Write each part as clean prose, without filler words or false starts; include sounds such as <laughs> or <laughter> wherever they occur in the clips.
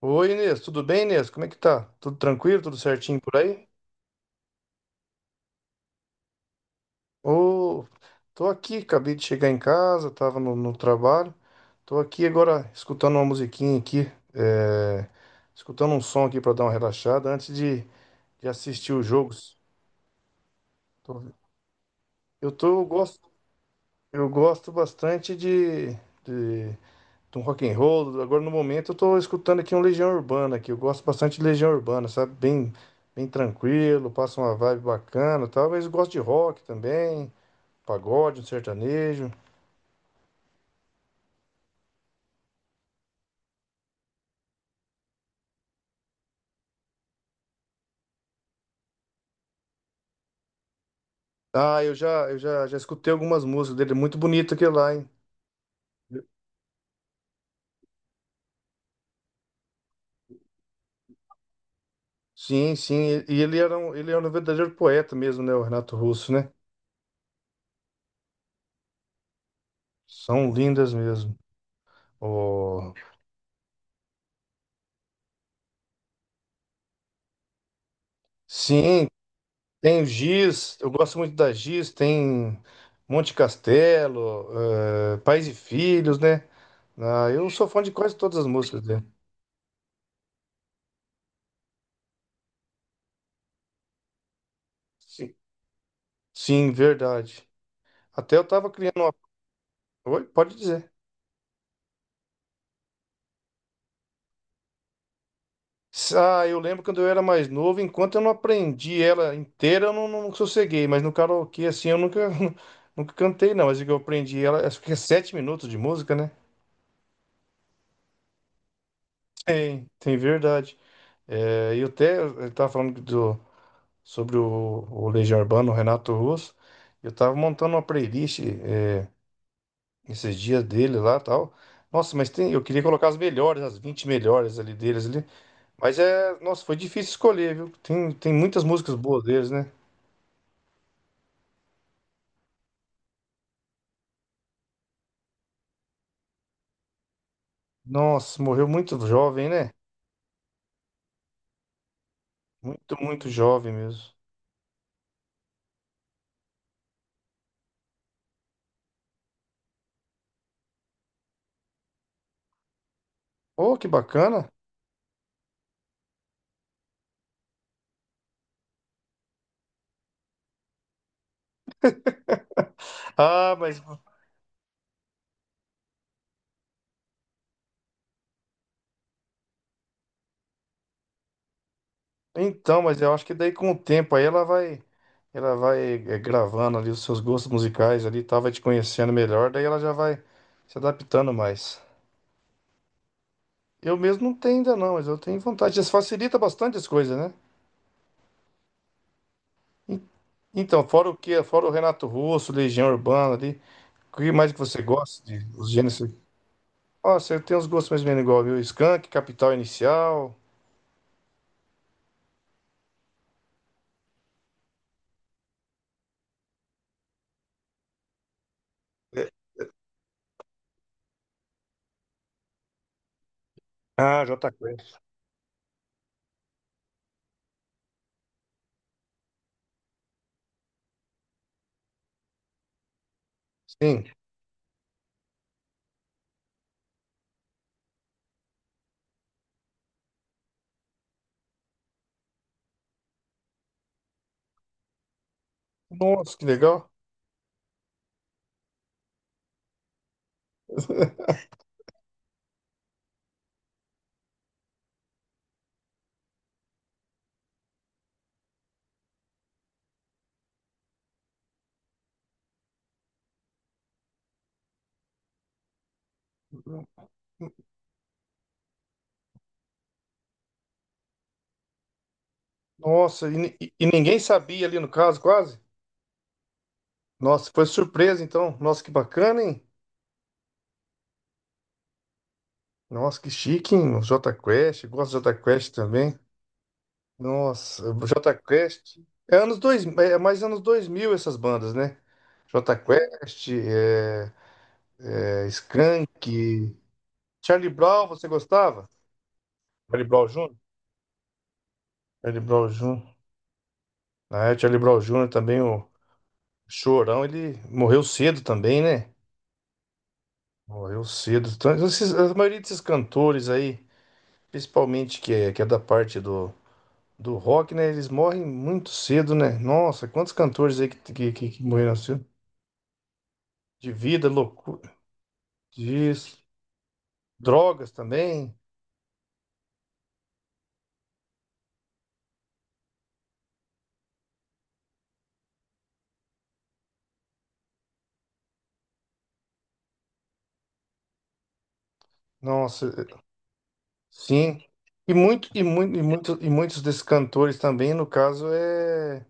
Oi, Inês, tudo bem, Inês? Como é que tá? Tudo tranquilo, tudo certinho por aí? Ô, tô aqui, acabei de chegar em casa, tava no trabalho. Tô aqui agora escutando uma musiquinha aqui, é, escutando um som aqui pra dar uma relaxada antes de assistir os jogos. Tô- Eu tô, eu gosto, eu gosto bastante de um rock and roll. Agora no momento eu tô escutando aqui um Legião Urbana que eu gosto bastante de Legião Urbana, sabe? Bem tranquilo, passa uma vibe bacana, e tal, mas eu gosto de rock também, pagode, um sertanejo. Ah, eu já escutei algumas músicas dele, muito bonito aquele lá, hein? Sim, sim, e ele era um verdadeiro poeta mesmo, né, o Renato Russo, né? São lindas mesmo. Oh, sim, tem o Giz, eu gosto muito da Giz, tem Monte Castelo, Pais e Filhos, né? Ah, eu sou fã de quase todas as músicas dele. Sim, sim, verdade. Até eu tava criando uma. Oi, pode dizer. Ah, eu lembro quando eu era mais novo, enquanto eu não aprendi ela inteira, eu não sosseguei, mas no karaokê, assim, eu nunca, <laughs> nunca cantei, não. Mas o que eu aprendi ela, acho que é 7 minutos de música, né? Tem verdade. É, e eu até eu tava falando do, sobre o Legião Urbana, o Renato Russo. Eu tava montando uma playlist, esses dias dele lá tal. Nossa, mas tem, eu queria colocar as melhores, as 20 melhores ali deles ali. Mas é, nossa, foi difícil escolher, viu? Tem muitas músicas boas deles, né? Nossa, morreu muito jovem, né? Muito, muito jovem mesmo. Oh, que bacana. Ah, mas Então, mas eu acho que daí com o tempo aí ela vai gravando ali os seus gostos musicais ali, e tal, vai te conhecendo melhor, daí ela já vai se adaptando mais. Eu mesmo não tenho ainda não, mas eu tenho vontade. Isso facilita bastante as coisas, né? En- Então, fora o Renato Russo, Legião Urbana ali, o que mais que você gosta de os gêneros? Nossa, eu tenho uns gostos mais ou menos igual, viu? Skank, Capital Inicial. É. Ah, Jota Quest. Sim. Nossa, que legal. <laughs> Nossa, e ninguém sabia ali no caso, quase. Nossa, foi surpresa então. Nossa, que bacana, hein? Nossa, que chique, hein? O Jota Quest, eu gosto do Jota Quest também. Nossa, o Jota Quest. É anos dois é é mais anos 2000 essas bandas, né? Jota Quest, Skank, Charlie Brown, você gostava? Charlie Brown Jr.? Charlie Brown Jr. Ah, é, Charlie Brown Jr. também, o Chorão, ele morreu cedo também, né? Morreu cedo. Então, a maioria desses cantores aí, principalmente que é da parte do rock, né? Eles morrem muito cedo, né? Nossa, quantos cantores aí que morreram assim? De vida, loucura, disso, drogas também. Nossa, sim. E muitos desses cantores também, no caso, é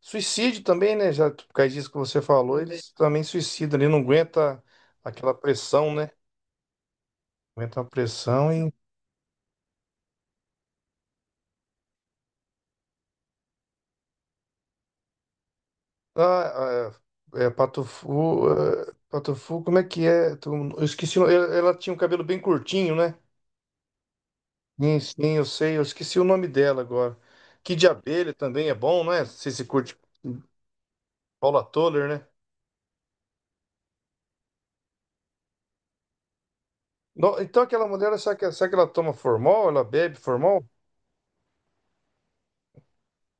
suicídio também, né? Já por causa disso que você falou, eles também suicidam ali, não aguenta aquela pressão, né? Aguenta a pressão. Ah, Patufu, como é que é? Eu esqueci, ela tinha um cabelo bem curtinho, né? Sim, sim, eu sei, eu esqueci o nome dela agora. Que de abelha também é bom, não é? Se curte Paula Toller, né? Então aquela mulher, será que ela toma formol? Ela bebe formol?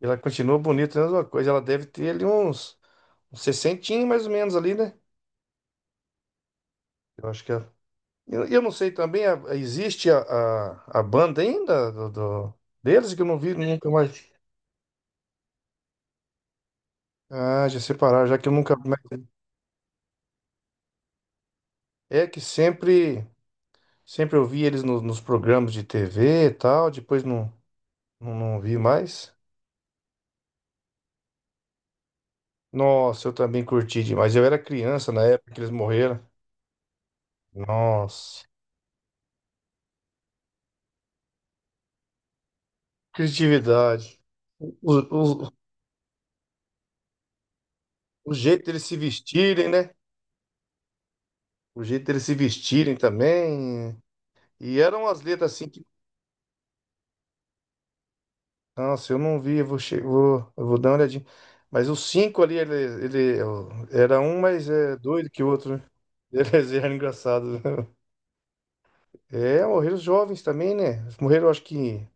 Ela continua bonita, é a mesma coisa. Ela deve ter ali uns 60 mais ou menos ali, né? Eu acho que ela. Eu não sei também, existe a banda ainda deles que eu não vi nunca mais. Ah, já separaram, já que eu nunca. Mas é que sempre eu vi eles nos programas de TV e tal, depois não vi mais. Nossa, eu também curti demais. Eu era criança na época que eles morreram. Nossa, criatividade. O, o, o o jeito deles se vestirem, né? O jeito deles se vestirem também. E eram as letras assim que. Nossa, eu não vi, eu vou dar uma olhadinha. Mas os cinco ali, ele era um mais doido que o outro, né? Beleza, <laughs> era engraçado. É, morreram os jovens também, né? Morreram, acho que.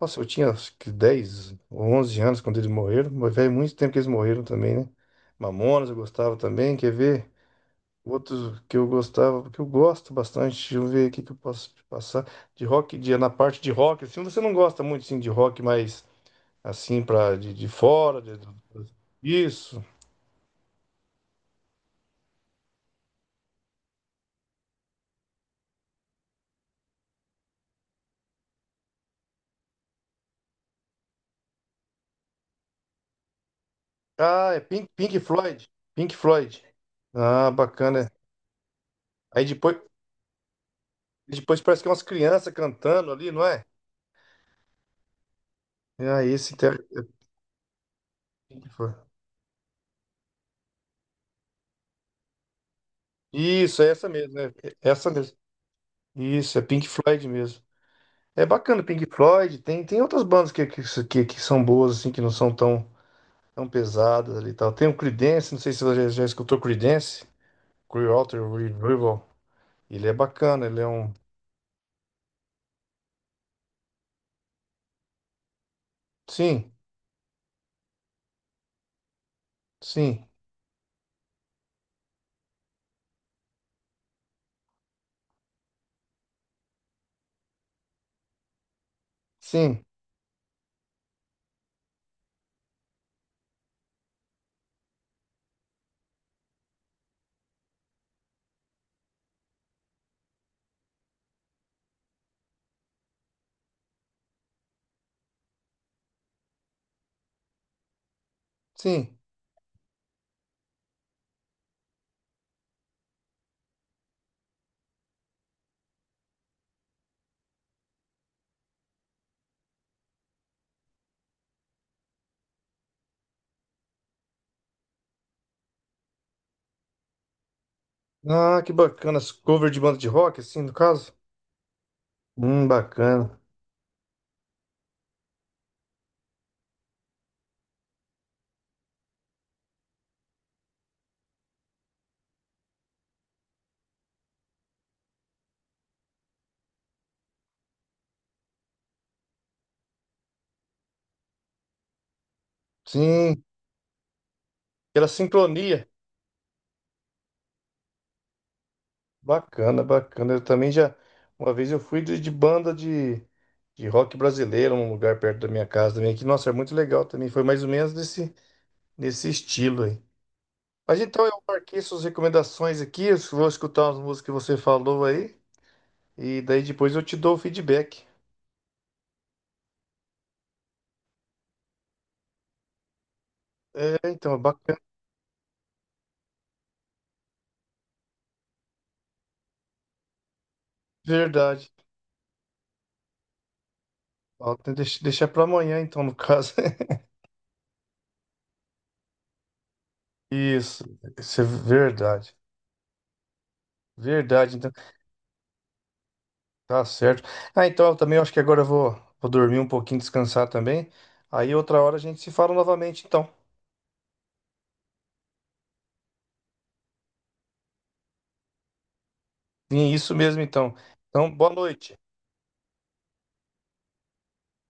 Nossa, eu tinha acho que 10 ou 11 anos quando eles morreram. Mas faz muito tempo que eles morreram também, né? Mamonas eu gostava também, quer ver? Outros que eu gostava, que eu gosto bastante. Deixa eu ver aqui que eu posso te passar. De rock, na parte de rock, assim, você não gosta muito assim, de rock, mas assim, pra, de fora, isso. Ah, é Pink Floyd. Pink Floyd. Ah, bacana. Aí depois. E depois parece que é umas crianças cantando ali, não é? Ah, esse então é Pink Floyd. Isso, é essa mesmo, né? É essa mesmo. Isso, é Pink Floyd mesmo. É bacana, Pink Floyd. Tem outras bandas que são boas, assim, que não são tão pesadas ali e tal. Tem o Creedence, não sei se você já escutou Creedence. Clearwater Revival. Ele é bacana, ele é um... Sim, sim, sim, sim. Ah, que bacana. As Cover de banda de rock, assim, no caso. Bacana. Sim, pela sincronia. Bacana, bacana. Eu também já. Uma vez eu fui de banda de rock brasileiro, num lugar perto da minha casa também, que, nossa, é muito legal também. Foi mais ou menos nesse estilo aí. Mas então eu marquei suas recomendações aqui, eu vou escutar as músicas que você falou aí, e daí depois eu te dou o feedback. É, então, é bacana, verdade. Falta deixar para amanhã, então, no caso. <laughs> Isso, isso é verdade. Verdade, então. Tá certo. Ah, então eu também acho que agora vou dormir um pouquinho, descansar também. Aí outra hora a gente se fala novamente, então. E é isso mesmo, então. Então, boa noite.